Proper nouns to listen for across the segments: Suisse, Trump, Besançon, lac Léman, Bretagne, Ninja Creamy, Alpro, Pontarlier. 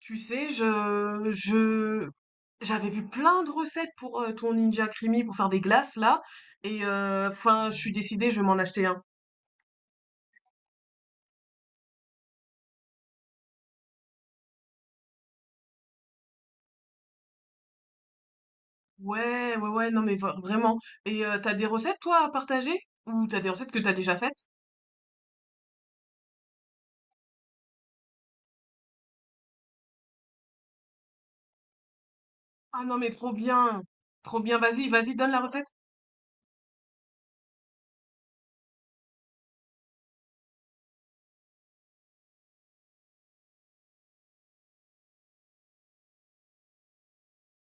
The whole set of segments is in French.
Tu sais, j'avais vu plein de recettes pour ton Ninja Creamy pour faire des glaces là, et je suis décidée, je vais m'en acheter un. Ouais, ouais, ouais, non mais vraiment. Et t'as des recettes toi à partager? Ou t'as des recettes que t'as déjà faites? Ah non mais trop bien, trop bien. Vas-y, vas-y, donne la recette.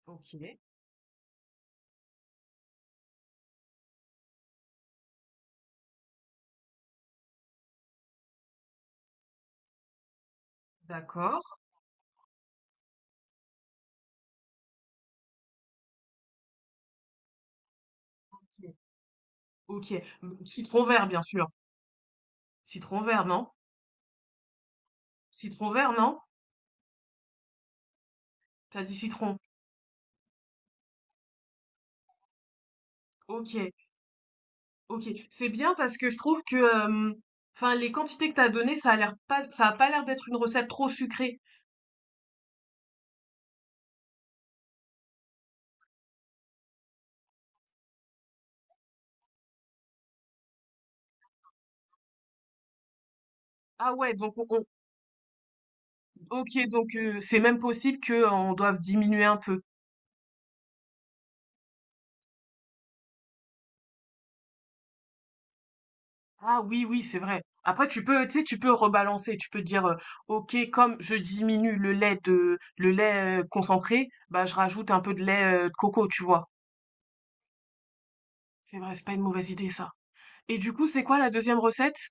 Ok, d'accord. Ok. Mm, citron vert bien sûr. Citron vert, non? Citron vert, non? T'as dit citron. Ok. Ok, c'est bien parce que je trouve que, les quantités que t'as données, ça a pas l'air d'être une recette trop sucrée. Ah ouais, ok, donc c'est même possible que on doive diminuer un peu. Ah oui, oui, c'est vrai. Après, tu peux, tu sais, tu peux rebalancer. Tu peux dire, ok, comme je diminue le lait concentré, bah je rajoute un peu de lait de coco, tu vois. C'est vrai, c'est pas une mauvaise idée ça. Et du coup, c'est quoi la deuxième recette?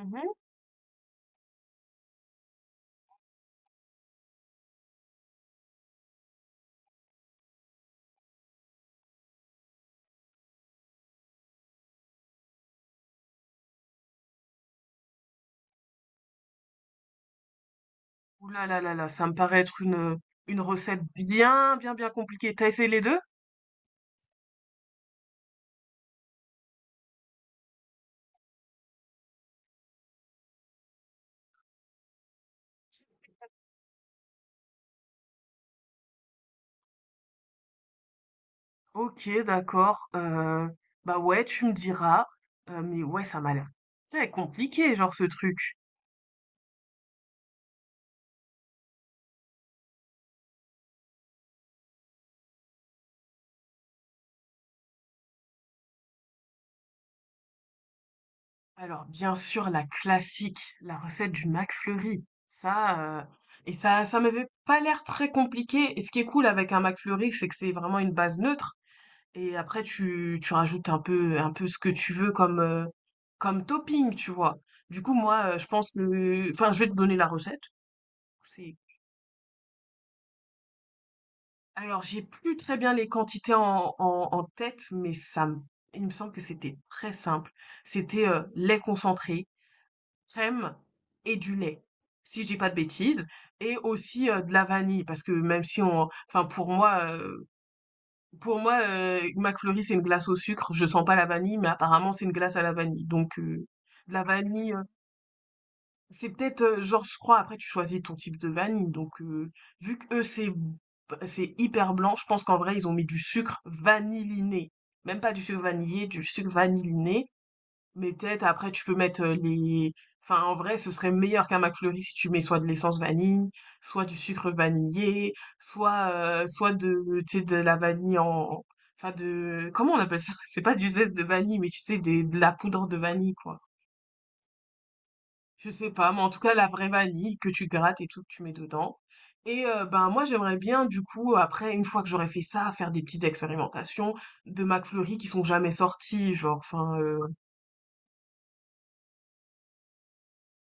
Ok. Ouh là là là là, ça me paraît être une recette bien, bien, bien compliquée. T'as essayé les deux. OK, d'accord, bah, ouais, tu me diras, mais ouais, ça m'a l'air très compliqué, genre, ce truc. Alors, bien sûr, la classique, la recette du McFlurry. Et ça m'avait pas l'air très compliqué et ce qui est cool avec un McFlurry, c'est que c'est vraiment une base neutre. Et après tu rajoutes un peu ce que tu veux comme, comme topping, tu vois? Du coup, moi, je pense que enfin, je vais te donner la recette. C'est alors j'ai plus très bien les quantités en tête, mais ça me il me semble que c'était très simple. C'était, lait concentré, crème et du lait, si je dis pas de bêtises et aussi, de la vanille parce que même si on enfin pour moi, pour moi, McFlurry, c'est une glace au sucre. Je sens pas la vanille, mais apparemment, c'est une glace à la vanille. Donc, de la vanille, c'est peut-être, genre, je crois, après, tu choisis ton type de vanille. Donc, vu que c'est hyper blanc, je pense qu'en vrai, ils ont mis du sucre vanilliné. Même pas du sucre vanillé, du sucre vanilliné. Mais peut-être après tu peux mettre, les enfin en vrai ce serait meilleur qu'un McFlurry si tu mets soit de l'essence vanille, soit du sucre vanillé, soit de tu sais de la vanille en enfin de comment on appelle ça? C'est pas du zeste de vanille, mais tu sais des de la poudre de vanille quoi. Je sais pas, mais en tout cas la vraie vanille que tu grattes et tout que tu mets dedans et ben moi j'aimerais bien du coup après une fois que j'aurais fait ça, faire des petites expérimentations de McFlurry qui sont jamais sortis genre enfin.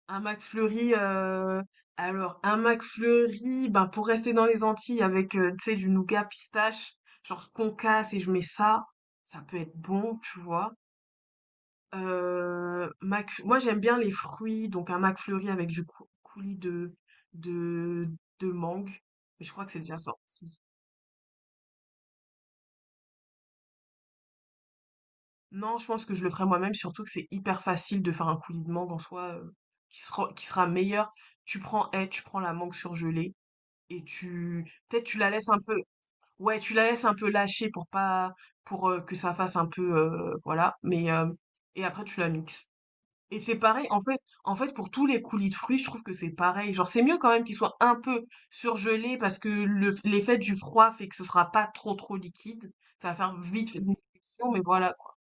Un McFlurry, alors un McFlurry, ben, pour rester dans les Antilles avec, tu sais, du nougat pistache, genre ce qu'on casse et je mets ça, ça peut être bon, tu vois? Mcf moi j'aime bien les fruits, donc un McFlurry avec du cou coulis de de mangue, mais je crois que c'est déjà sorti. Non, je pense que je le ferai moi-même, surtout que c'est hyper facile de faire un coulis de mangue en soi, qui sera meilleur. Tu prends la mangue surgelée et tu peut-être tu la laisses un peu. Ouais, tu la laisses un peu lâcher pour pas pour, que ça fasse un peu, voilà, mais hem et après tu la mixes et c'est pareil, en fait, pour tous les coulis de fruits, je trouve que c'est pareil. Genre, c'est mieux quand même qu'ils soient un peu surgelés parce que le f l'effet du froid fait que ce sera pas trop, trop liquide. Ça va faire vite une liquéfaction, mais voilà, quoi.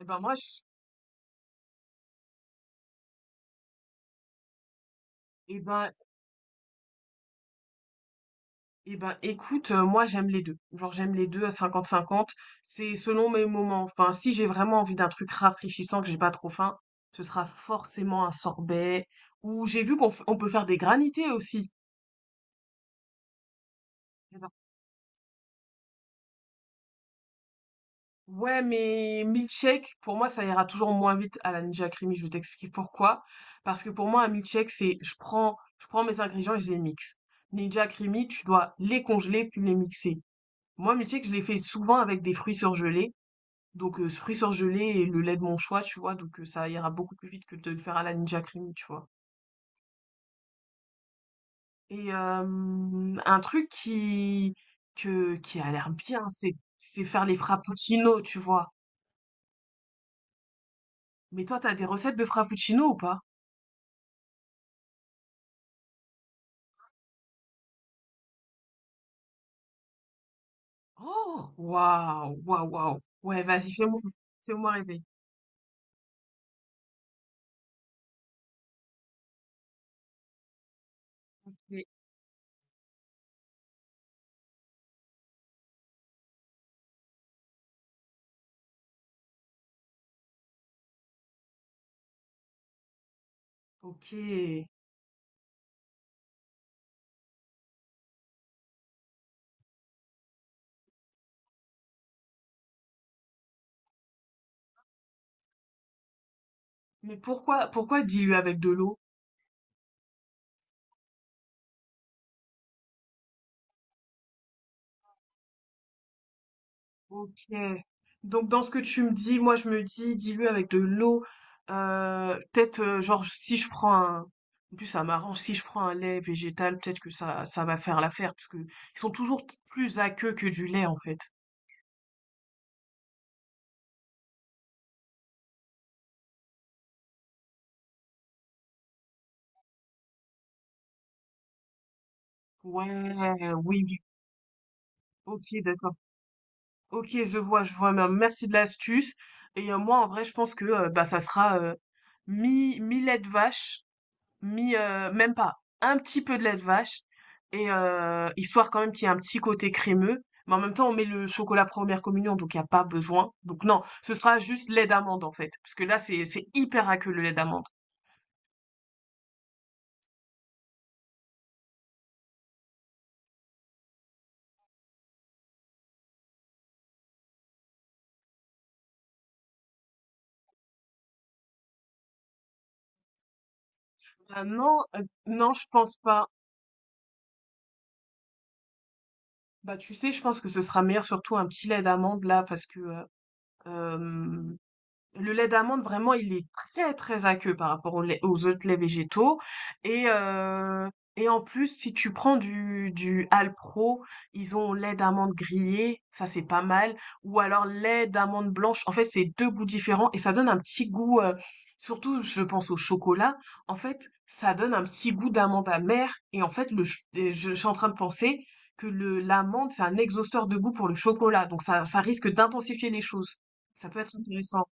Et ben, moi, je et ben Eh ben, écoute, moi j'aime les deux. Genre j'aime les deux à 50-50. C'est selon mes moments. Enfin, si j'ai vraiment envie d'un truc rafraîchissant, que j'ai pas trop faim, ce sera forcément un sorbet. Ou j'ai vu qu'on peut faire des granités aussi. Eh ben, Ouais, mais milkshake, pour moi, ça ira toujours moins vite à la Ninja Creamy. Je vais t'expliquer pourquoi. Parce que pour moi, un milkshake, je prends mes ingrédients et je les mixe. Ninja Creamy, tu dois les congeler puis les mixer. Moi, milkshake, je les fais souvent avec des fruits surgelés. Donc fruits surgelés et le lait de mon choix, tu vois? Donc ça ira beaucoup plus vite que de le faire à la Ninja cream, tu vois? Et un truc qui a l'air bien, c'est faire les frappuccinos, tu vois? Mais toi, t'as des recettes de frappuccinos ou pas? Oh! Waouh! Waouh, waouh! Ouais, vas-y, fais-moi rêver. Mais OK. Mais pourquoi diluer avec de l'eau? OK. Donc dans ce que tu me dis, moi je me dis dilue avec de l'eau. Peut-être genre si je prends un… En plus ça m'arrange, si je prends un lait végétal, peut-être que ça va faire l'affaire, parce que ils sont toujours plus aqueux que du lait en fait. Ouais, oui, oui. Ok, d'accord. Ok, je vois, je vois. Mais, merci de l'astuce. Et moi en vrai je pense que bah ça sera mi lait de vache même pas, un petit peu de lait de vache, et histoire quand même qu'il y ait un petit côté crémeux. Mais en même temps, on met le chocolat première communion, donc il n'y a pas besoin. Donc non, ce sera juste lait d'amande en fait, parce que là, c'est hyper aqueux le lait d'amande. Ah non, non, je pense pas. Bah, tu sais, je pense que ce sera meilleur surtout un petit lait d'amande là parce que, hem, le lait d'amande, vraiment, il est très, très aqueux par rapport au lait aux autres laits végétaux et heu et en plus, si tu prends du Alpro, ils ont lait d'amande grillé, ça, c'est pas mal ou alors lait d'amande blanche. En fait, c'est 2 goûts différents et ça donne un petit goût, surtout je pense au chocolat, en fait, ça donne un petit goût d'amande amère et en fait, le ch et je suis en train de penser que le l'amande, c'est un exhausteur de goût pour le chocolat donc ça risque d'intensifier les choses. Ça peut être intéressant.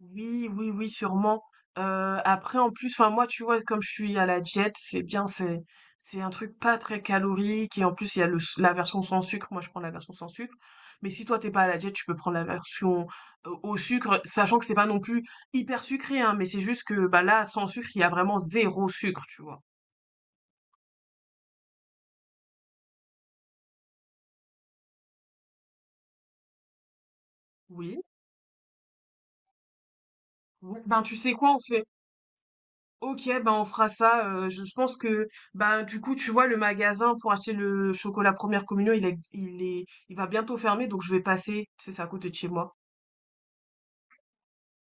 Oui, oui, oui, sûrement. Heu, après, en plus, enfin, moi, tu vois, comme je suis à la diète, c'est bien, c'est un truc pas très calorique et en plus, il y a le s la version sans sucre. Moi, je prends la version sans sucre, mais si toi, t'es pas à la diète, tu peux prendre la version, au sucre, sachant que c'est pas non plus hyper sucré, hein, mais c'est juste que, bah, là, sans sucre, il y a vraiment zéro sucre, tu vois? Oui. Oui, ben, tu sais quoi? On fait. Ok, ben on fera ça. Je pense que ben du coup tu vois le magasin pour acheter le chocolat première communion il est il va bientôt fermer donc je vais passer c'est ça, à côté de chez moi.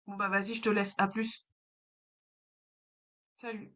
Bon bah vas-y je te laisse à plus. Salut.